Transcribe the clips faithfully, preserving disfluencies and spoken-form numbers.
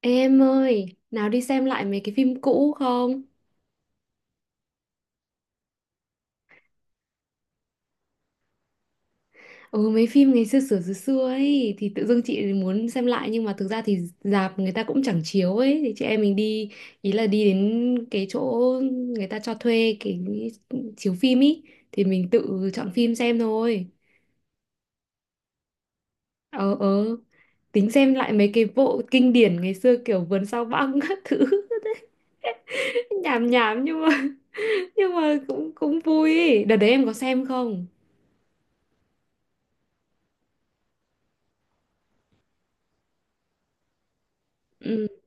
Ê em ơi, nào đi xem lại mấy cái phim cũ không? Ừ mấy phim ngày xưa xưa xưa xưa ấy thì tự dưng chị muốn xem lại, nhưng mà thực ra thì rạp người ta cũng chẳng chiếu ấy thì chị em mình đi, ý là đi đến cái chỗ người ta cho thuê cái chiếu phim ý, thì mình tự chọn phim xem thôi. Ờ, ờ, tính xem lại mấy cái bộ kinh điển ngày xưa kiểu Vườn Sao Băng các thứ. Nhảm nhảm nhưng mà nhưng mà cũng cũng vui ấy. Đợt đấy em có xem không? Ừ.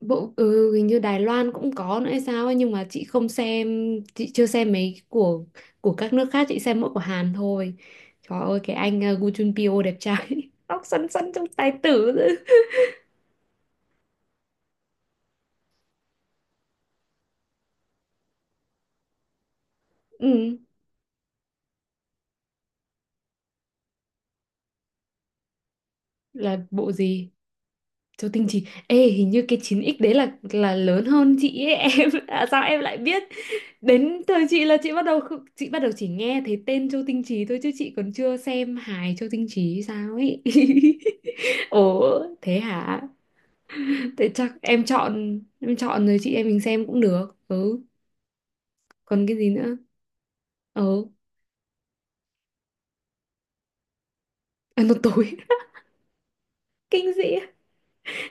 Bộ ừ, hình như Đài Loan cũng có nữa hay sao ấy, nhưng mà chị không xem, chị chưa xem mấy của của các nước khác, chị xem mỗi của Hàn thôi. Trời ơi cái anh ờ, Gu Junpyo đẹp trai. Tóc xoăn xoăn trông tài tử. ừ, là bộ gì? Châu Tinh Trì, ê hình như cái chín x đấy là là lớn hơn chị ấy. Em à, sao em lại biết? Đến thời chị là chị bắt đầu không- chị bắt đầu chỉ nghe thấy tên Châu Tinh Trì thôi, chứ chị còn chưa xem hài Châu Tinh Trì hay sao ấy. Ồ, thế hả? Thế chắc em chọn em chọn rồi, chị em mình xem cũng được. Ừ, còn cái gì nữa? Ừ, à, nó tối. Kinh dị.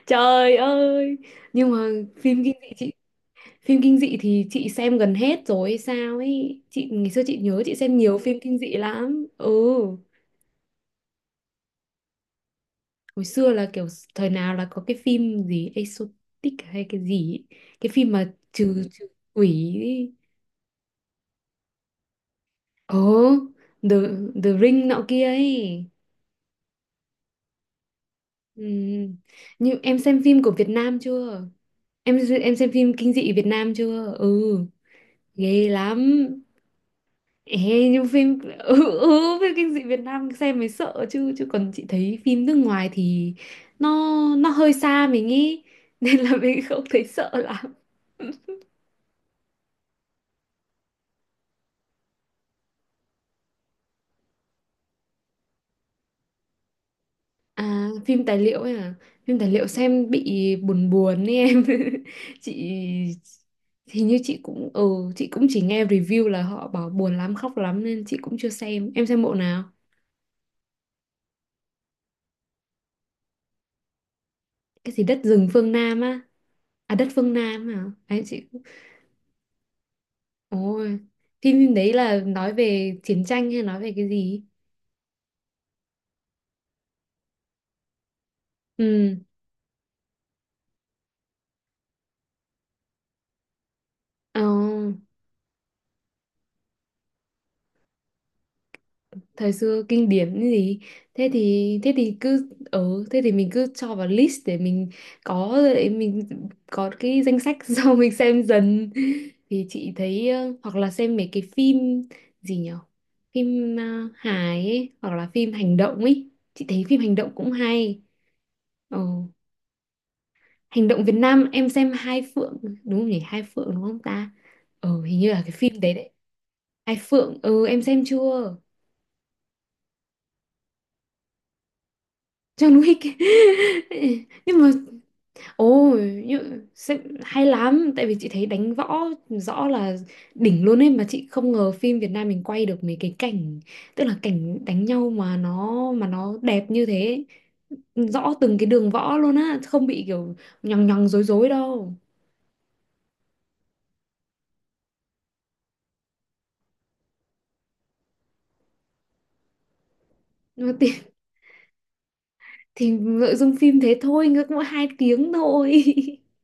Trời ơi. Nhưng mà phim kinh dị chị phim kinh dị thì chị xem gần hết rồi hay sao ấy. Chị ngày xưa chị nhớ chị xem nhiều phim kinh dị lắm. Ừ. Hồi xưa là kiểu thời nào là có cái phim gì exotic hay cái gì ấy. Cái phim mà trừ trừ quỷ ấy. Ồ, The The Ring nọ kia ấy. Ừ. Như em xem phim của Việt Nam chưa? Em em xem phim kinh dị Việt Nam chưa? Ừ, ghê lắm. Ê, nhưng phim ừ, ừ, phim kinh dị Việt Nam xem mới sợ chứ chứ còn chị thấy phim nước ngoài thì nó nó hơi xa mình ý, nên là mình không thấy sợ lắm. À, phim tài liệu ấy à? Phim tài liệu xem bị buồn buồn ấy em. Chị hình như chị cũng ừ, chị cũng chỉ nghe review là họ bảo buồn lắm, khóc lắm nên chị cũng chưa xem. Em xem bộ nào? Cái gì đất rừng phương Nam á? À đất phương Nam à? Đấy chị. Ôi, phim phim đấy là nói về chiến tranh hay nói về cái gì? Ừ. Ờ, thời xưa kinh điển cái gì, thế thì thế thì cứ ừ thế thì mình cứ cho vào list để mình có, để mình có cái danh sách. Sau mình xem dần thì chị thấy ờ, hoặc là xem mấy cái phim gì nhở, phim ờ, hài ấy, hoặc là phim hành động ấy, chị thấy phim hành động cũng hay. Ừ. Hành động Việt Nam em xem Hai Phượng, đúng không nhỉ? Hai Phượng đúng không ta? Ừ hình như là cái phim đấy đấy. Hai Phượng, ừ em xem chưa? John Wick. Nhưng mà. Ồ, như, sẽ- hay lắm. Tại vì chị thấy đánh võ rõ là đỉnh luôn ấy. Mà chị không ngờ phim Việt Nam mình quay được mấy cái cảnh, tức là cảnh đánh nhau mà nó mà nó đẹp như thế. Rõ từng cái đường võ luôn á, không bị kiểu nhằng nhằng dối dối đâu. Nhưng mà thì, thì nội dung phim thế thôi, ngược mỗi hai tiếng thôi.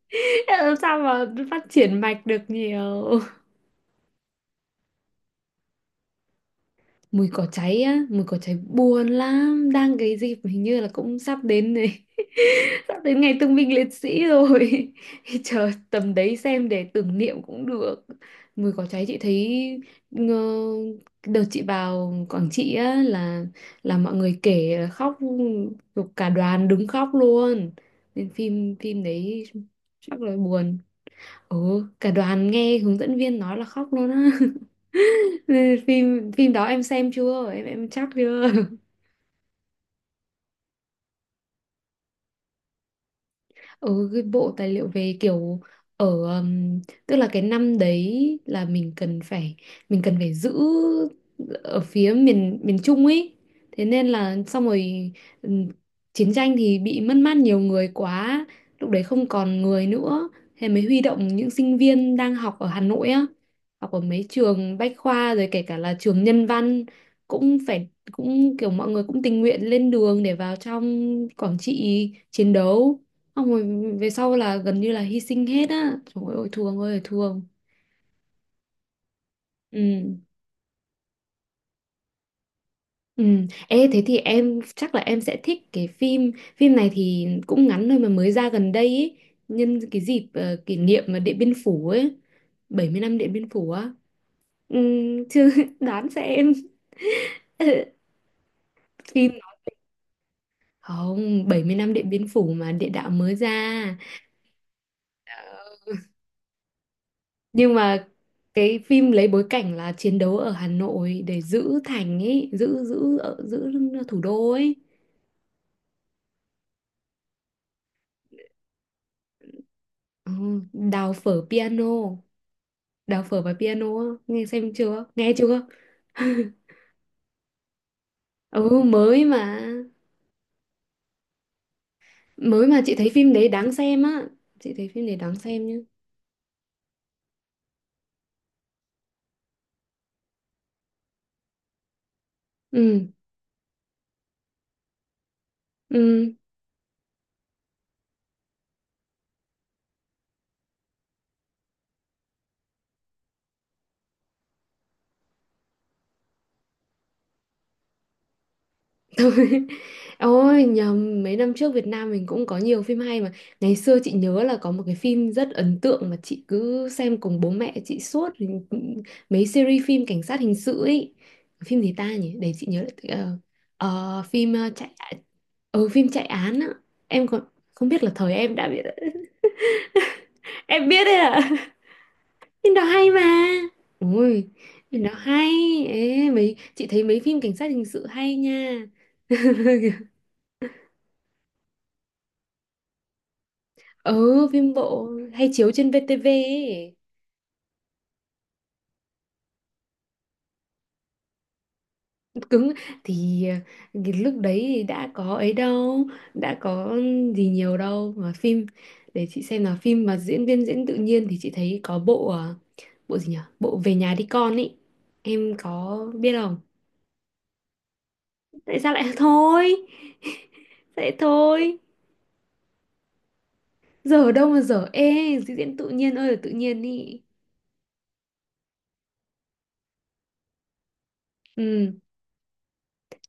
Làm sao mà phát triển mạch được nhiều. Mùi cỏ cháy á, mùi cỏ cháy buồn lắm, đang cái dịp hình như là cũng sắp đến này. Sắp đến ngày thương binh liệt sĩ rồi. Chờ tầm đấy xem để tưởng niệm cũng được. Mùi cỏ cháy chị thấy, ngờ, đợt chị vào Quảng Trị á, là là mọi người kể là khóc, cả đoàn đứng khóc luôn, nên phim phim đấy chắc là buồn. Ồ, cả đoàn nghe hướng dẫn viên nói là khóc luôn á. Phim phim đó em xem chưa? Em em chắc chưa? Ừ, cái bộ tài liệu về kiểu ở, um, tức là cái năm đấy là mình cần phải mình cần phải giữ ở phía miền miền Trung ấy, thế nên là xong rồi. ừm, Chiến tranh thì bị mất mát nhiều người quá, lúc đấy không còn người nữa, thế mới huy động những sinh viên đang học ở Hà Nội á, học ở mấy trường Bách Khoa rồi kể cả là trường Nhân Văn, cũng phải cũng kiểu mọi người cũng tình nguyện lên đường để vào trong Quảng Trị chiến đấu. Xong rồi về sau là gần như là hy sinh hết á. Trời ơi, thương ơi là thương. Ừ. Ừ. Ê, thế thì em chắc là em sẽ thích cái phim phim này, thì cũng ngắn thôi mà mới ra gần đây ý. Nhân cái dịp ờ, kỷ niệm mà Điện Biên Phủ ấy, bảy mươi năm Điện Biên Phủ á. Ừ, chứ đoán xem. Phim, không, bảy mươi năm Điện Biên Phủ mà địa đạo mới ra, nhưng mà cái phim lấy bối cảnh là chiến đấu ở Hà Nội để giữ thành ấy, giữ giữ ở- giữ thủ đô ấy. Ừ, đào phở piano, đào phở và piano á, nghe xem chưa, nghe chưa? Ừ mới mà, mới mà chị thấy phim đấy đáng xem á, chị thấy phim đấy đáng xem nhá. Ừ. Ừ. Thôi, ôi nhầm, mấy năm trước Việt Nam mình cũng có nhiều phim hay mà. Ngày xưa chị nhớ là có một cái phim rất ấn tượng mà chị cứ xem cùng bố mẹ chị suốt, thì cũng- mấy series phim cảnh sát hình sự ấy. Phim gì ta nhỉ, để chị nhớ lại, ờ, ờ, phim ờ, chạy, ừ phim chạy án á. Em còn không biết là thời em đã biết. Em biết đấy ạ, phim đó hay mà. Ôi phim đó hay. Ê, mấy chị thấy mấy phim cảnh sát hình sự hay nha. Ừ, phim bộ hay chiếu trên vê tê vê ấy. Cứng thì ờ, cái lúc đấy thì đã có ấy đâu, đã có gì nhiều đâu mà phim để chị xem là phim mà diễn viên diễn tự nhiên, thì chị thấy có bộ à, bộ gì nhỉ? Bộ Về nhà đi con ấy. Em có biết không? Tại sao lại thôi? Vậy thôi. Giờ ở đâu mà giờ ê, diễn tự nhiên ơi là tự nhiên ý. Ừ,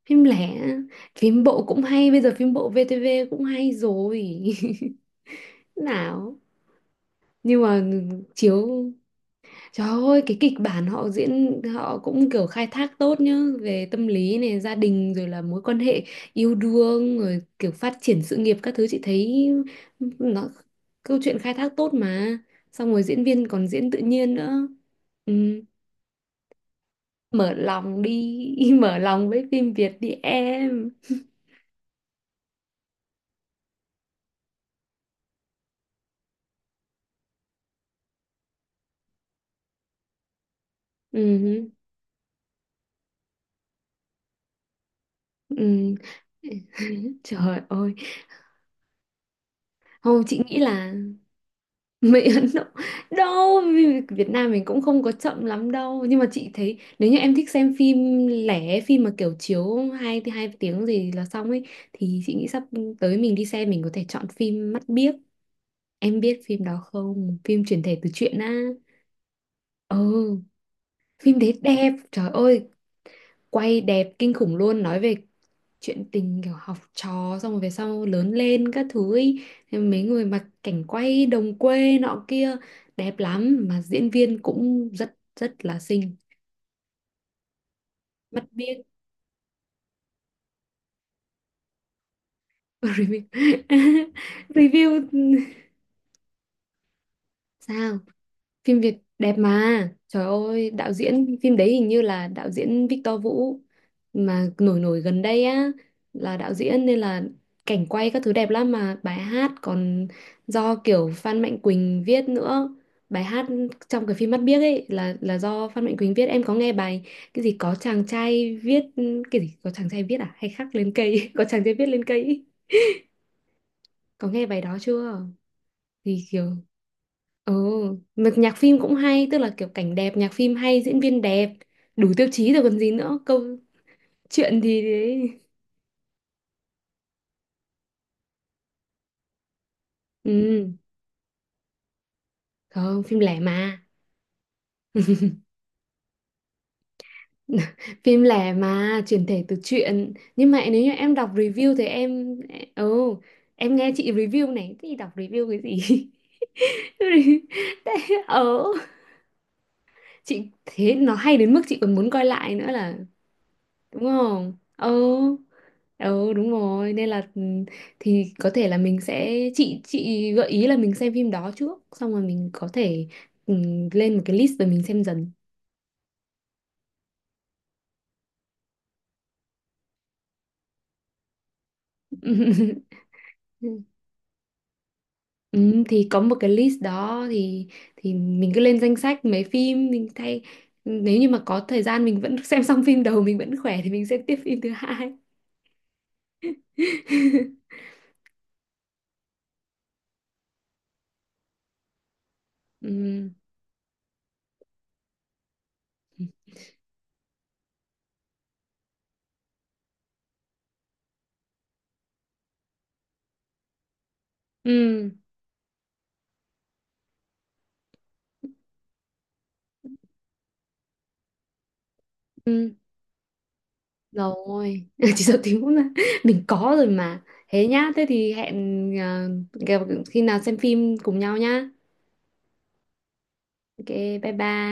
phim lẻ, phim bộ cũng hay, bây giờ phim bộ vê tê vê cũng hay rồi. Nào nhưng mà chiếu, trời ơi cái kịch bản họ diễn họ cũng kiểu khai thác tốt nhá, về tâm lý này gia đình rồi là mối quan hệ yêu đương rồi kiểu phát triển sự nghiệp các thứ, chị thấy nó câu chuyện khai thác tốt mà, xong rồi diễn viên còn diễn tự nhiên nữa. Ừ. Mở lòng đi, mở lòng với phim Việt đi em. Ừ. Ừ. Trời ơi, không chị nghĩ là, Mỹ Ấn Độ đâu vì Việt Nam mình cũng không có chậm lắm đâu, nhưng mà chị thấy nếu như em thích xem phim lẻ phim mà kiểu chiếu hai hai tiếng gì là xong ấy, thì chị nghĩ sắp tới mình đi xem mình có thể chọn phim Mắt Biếc, em biết phim đó không, phim chuyển thể từ truyện á. Ừ, phim đấy đẹp, trời ơi quay đẹp kinh khủng luôn, nói về chuyện tình kiểu học trò xong rồi về sau lớn lên các thứ ý. Thế mấy người mà cảnh quay đồng quê nọ kia đẹp lắm, mà diễn viên cũng rất rất là xinh. Mắt biếc. Review. Review sao, phim Việt đẹp mà, trời ơi đạo diễn phim đấy hình như là đạo diễn Victor Vũ mà nổi nổi gần đây á, là đạo diễn nên là cảnh quay các thứ đẹp lắm, mà bài hát còn do kiểu Phan Mạnh Quỳnh viết nữa, bài hát trong cái phim Mắt Biếc ấy là là do Phan Mạnh Quỳnh viết. Em có nghe bài cái gì có chàng trai viết, cái gì có chàng trai viết, à hay khắc lên cây, có chàng trai viết lên cây ý. Có nghe bài đó chưa? Thì kiểu. Ừ, mà nhạc phim cũng hay, tức là kiểu cảnh đẹp, nhạc phim hay, diễn viên đẹp, đủ tiêu chí rồi còn gì nữa, câu chuyện thì đấy. Ừ, không, phim lẻ mà. Phim lẻ mà, chuyển thể từ truyện. Nhưng mà nếu như em đọc review thì em ừ, em nghe chị review này, thì đọc review cái gì? Thế, ờ, chị thế nó hay đến mức chị còn muốn coi lại nữa là đúng không? Ừ. Ừ đúng rồi nên là ừ, thì có thể là mình sẽ, chị chị gợi ý là mình xem phim đó trước xong rồi mình có thể, ừ, lên một cái list rồi mình xem dần. Ừ, ừ, thì có một cái list đó, thì thì mình cứ lên danh sách mấy phim mình thay, nếu như mà có thời gian mình vẫn xem xong phim đầu mình vẫn khỏe thì mình xem tiếp phim thứ hai. Ừ. Ừ. Ừ. Rồi, chỉ sợ thiếu là mình có rồi mà. Thế nhá, thế thì hẹn, à, gặp- khi nào xem phim cùng nhau nhá. Ok bye bye.